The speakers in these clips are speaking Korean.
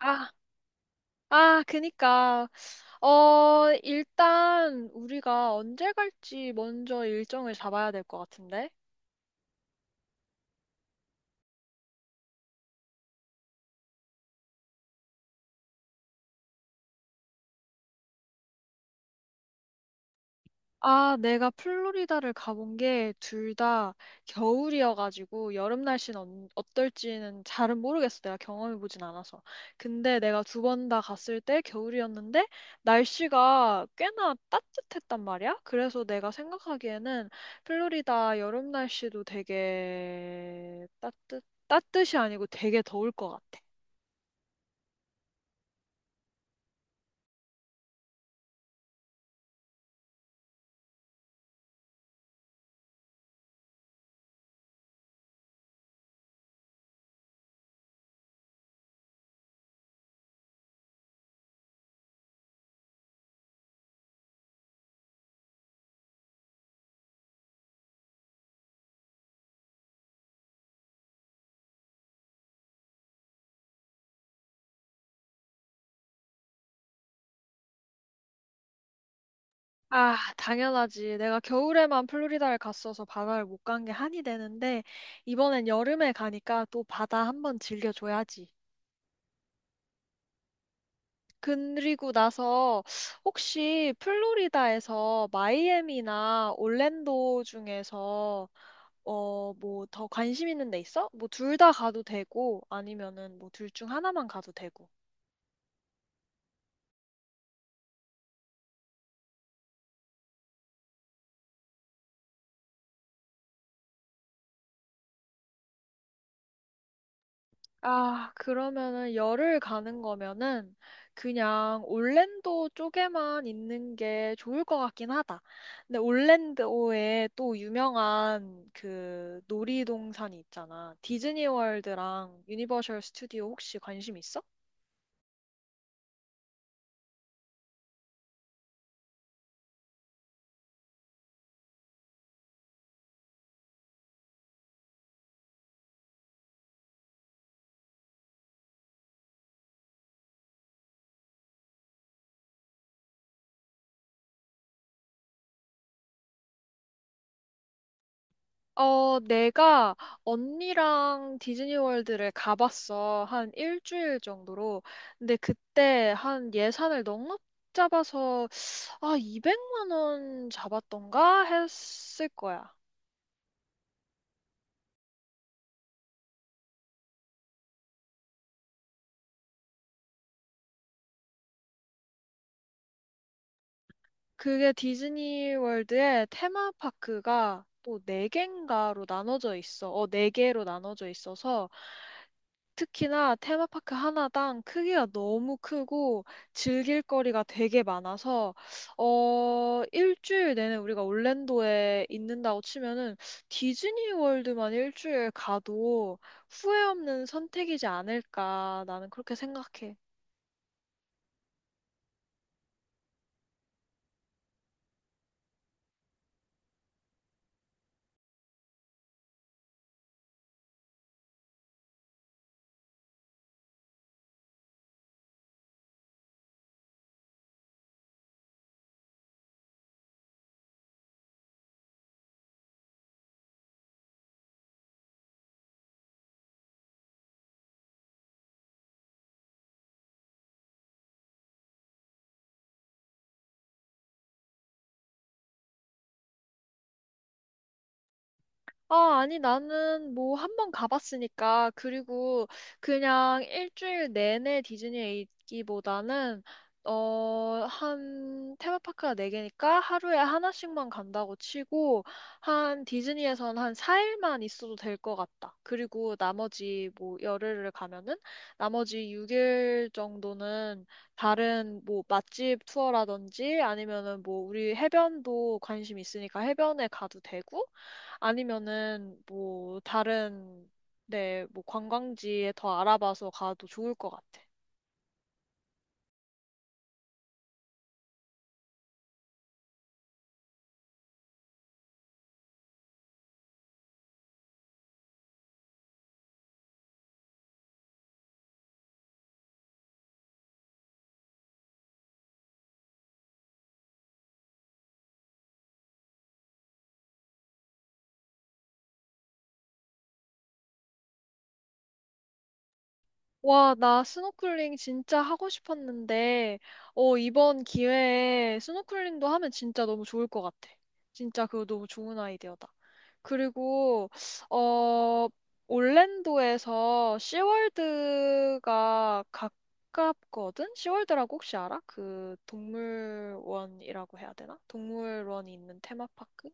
아, 아, 그니까. 일단 우리가 언제 갈지 먼저 일정을 잡아야 될 것 같은데? 아, 내가 플로리다를 가본 게 둘 다 겨울이어가지고 여름 날씨는 어떨지는 잘은 모르겠어. 내가 경험해보진 않아서. 근데 내가 두 번 다 갔을 때 겨울이었는데 날씨가 꽤나 따뜻했단 말이야. 그래서 내가 생각하기에는 플로리다 여름 날씨도 되게 따뜻, 따뜻이 아니고 되게 더울 것 같아. 아, 당연하지. 내가 겨울에만 플로리다를 갔어서 바다를 못 간 게 한이 되는데, 이번엔 여름에 가니까 또 바다 한번 즐겨줘야지. 그리고 나서 혹시 플로리다에서 마이애미나 orlando 중에서 뭐 더 관심 있는 데 있어? 뭐 둘 다 가도 되고, 아니면은 뭐 둘 중 하나만 가도 되고. 아, 그러면은 열흘 가는 거면은 그냥 올랜도 쪽에만 있는 게 좋을 것 같긴 하다. 근데 올랜도에 또 유명한 그 놀이동산이 있잖아. 디즈니 월드랑 유니버셜 스튜디오 혹시 관심 있어? 내가 언니랑 디즈니 월드를 가봤어. 한 일주일 정도로. 근데 그때 한 예산을 넉넉 잡아서 200만 원 잡았던가 했을 거야. 그게 디즈니 월드의 테마파크가 또 4개인가로 나눠져 있어. 네 개로 나눠져 있어서 특히나 테마파크 하나당 크기가 너무 크고 즐길 거리가 되게 많아서 일주일 내내 우리가 올랜도에 있는다고 치면은 디즈니 월드만 일주일 가도 후회 없는 선택이지 않을까 나는 그렇게 생각해. 아, 아니, 나는 뭐 한 번 가봤으니까, 그리고 그냥 일주일 내내 디즈니에 있기보다는, 테마파크가 네개니까 하루에 하나씩만 간다고 치고, 한, 디즈니에선 한 4일만 있어도 될 것 같다. 그리고 나머지 뭐 열흘을 가면은, 나머지 6일 정도는 다른 뭐 맛집 투어라든지 아니면은 뭐 우리 해변도 관심 있으니까 해변에 가도 되고, 아니면은 뭐 다른 네, 뭐 관광지에 더 알아봐서 가도 좋을 것 같아. 와, 나 스노클링 진짜 하고 싶었는데, 이번 기회에 스노클링도 하면 진짜 너무 좋을 것 같아. 진짜 그거 너무 좋은 아이디어다. 그리고, 어, 올랜도에서 시월드가 가깝거든? 시월드라고 혹시 알아? 그 동물원이라고 해야 되나? 동물원이 있는 테마파크?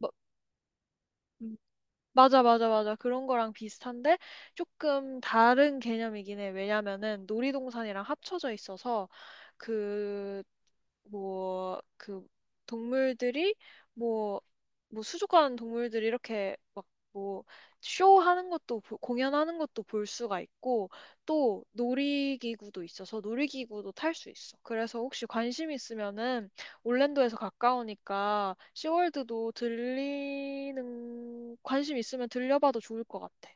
뭐- 음, 맞아, 맞아, 맞아. 그런 거랑 비슷한데 조금 다른 개념이긴 해. 왜냐면은 놀이동산이랑 합쳐져 있어서 그, 뭐, 그 동물들이 뭐, 뭐 수족관 동물들이 이렇게 막 뭐 쇼하는 것도 공연하는 것도 볼 수가 있고 또 놀이기구도 있어서 놀이기구도 탈 수 있어. 그래서 혹시 관심 있으면은 올랜도에서 가까우니까 시월드도 들리는 관심 있으면 들려봐도 좋을 것 같아.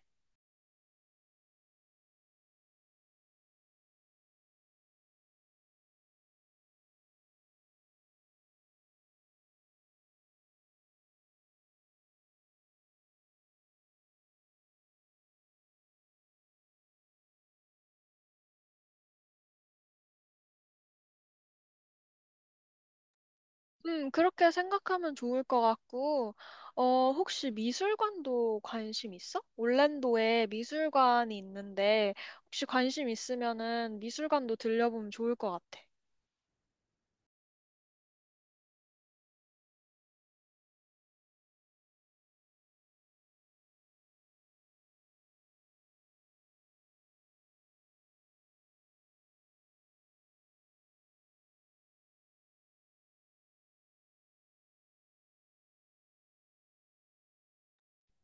그렇게 생각하면 좋을 것 같고, 혹시 미술관도 관심 있어? 올랜도에 미술관이 있는데, 혹시 관심 있으면은 미술관도 들려보면 좋을 것 같아.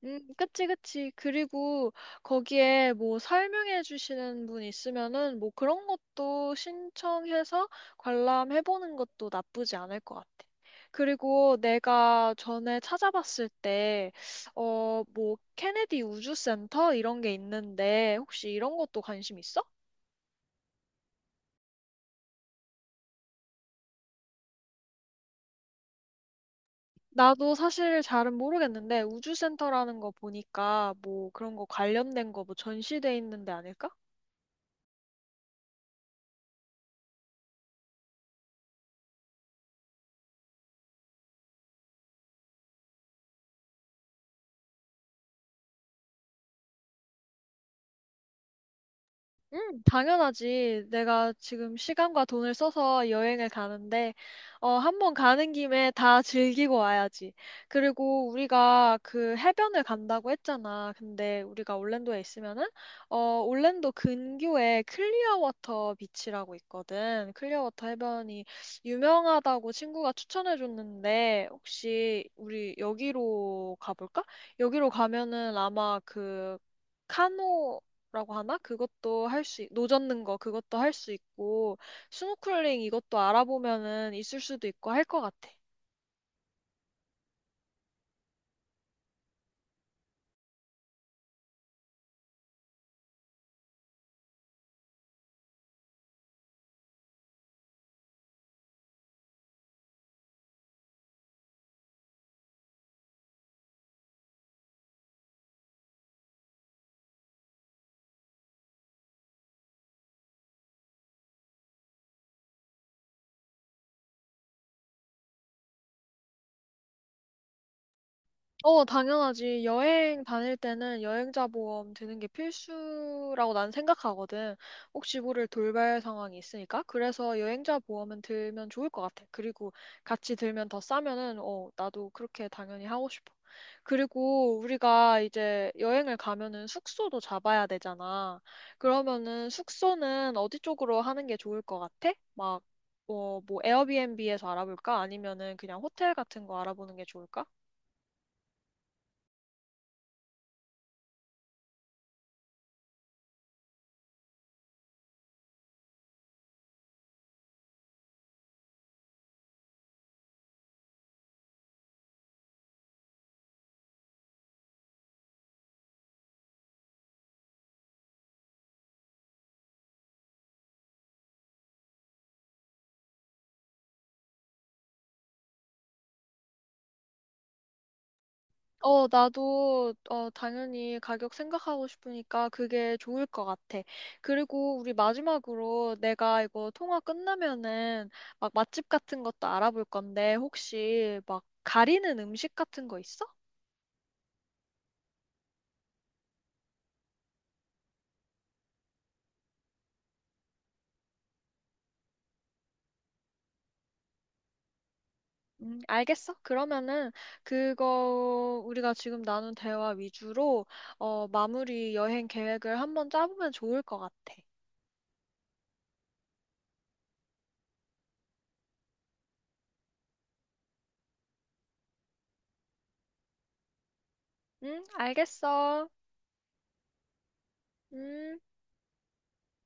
그치, 그치. 그리고 거기에 뭐 설명해 주시는 분 있으면은 뭐 그런 것도 신청해서 관람해 보는 것도 나쁘지 않을 것 같아. 그리고 내가 전에 찾아봤을 때, 뭐 케네디 우주센터 이런 게 있는데 혹시 이런 것도 관심 있어? 나도 사실 잘은 모르겠는데 우주센터라는 거 보니까 뭐 그런 거 관련된 거 뭐 전시돼 있는 데 아닐까? 당연하지. 내가 지금 시간과 돈을 써서 여행을 가는데, 한번 가는 김에 다 즐기고 와야지. 그리고 우리가 그 해변을 간다고 했잖아. 근데 우리가 올랜도에 있으면은, 올랜도 근교에 클리어워터 비치라고 있거든. 클리어워터 해변이 유명하다고 친구가 추천해줬는데, 혹시 우리 여기로 가볼까? 여기로 가면은 아마 그, 카노 라고 하나? 그것도 할 수, 있- 노젓는 거 그것도 할 수 있고, 스노클링 이것도 알아보면은 있을 수도 있고 할 것 같아. 당연하지. 여행 다닐 때는 여행자 보험 드는 게 필수라고 난 생각하거든. 혹시 모를 돌발 상황이 있으니까. 그래서 여행자 보험은 들면 좋을 것 같아. 그리고 같이 들면 더 싸면은, 나도 그렇게 당연히 하고 싶어. 그리고 우리가 이제 여행을 가면은 숙소도 잡아야 되잖아. 그러면은 숙소는 어디 쪽으로 하는 게 좋을 것 같아? 막, 뭐, 에어비앤비에서 알아볼까? 아니면은 그냥 호텔 같은 거 알아보는 게 좋을까? 나도, 당연히 가격 생각하고 싶으니까 그게 좋을 것 같아. 그리고 우리 마지막으로 내가 이거 통화 끝나면은 막 맛집 같은 것도 알아볼 건데 혹시 막 가리는 음식 같은 거 있어? 알겠어. 그러면은 그거 우리가 지금 나눈 대화 위주로 마무리 여행 계획을 한번 짜보면 좋을 것 같아. 응, 알겠어. 음.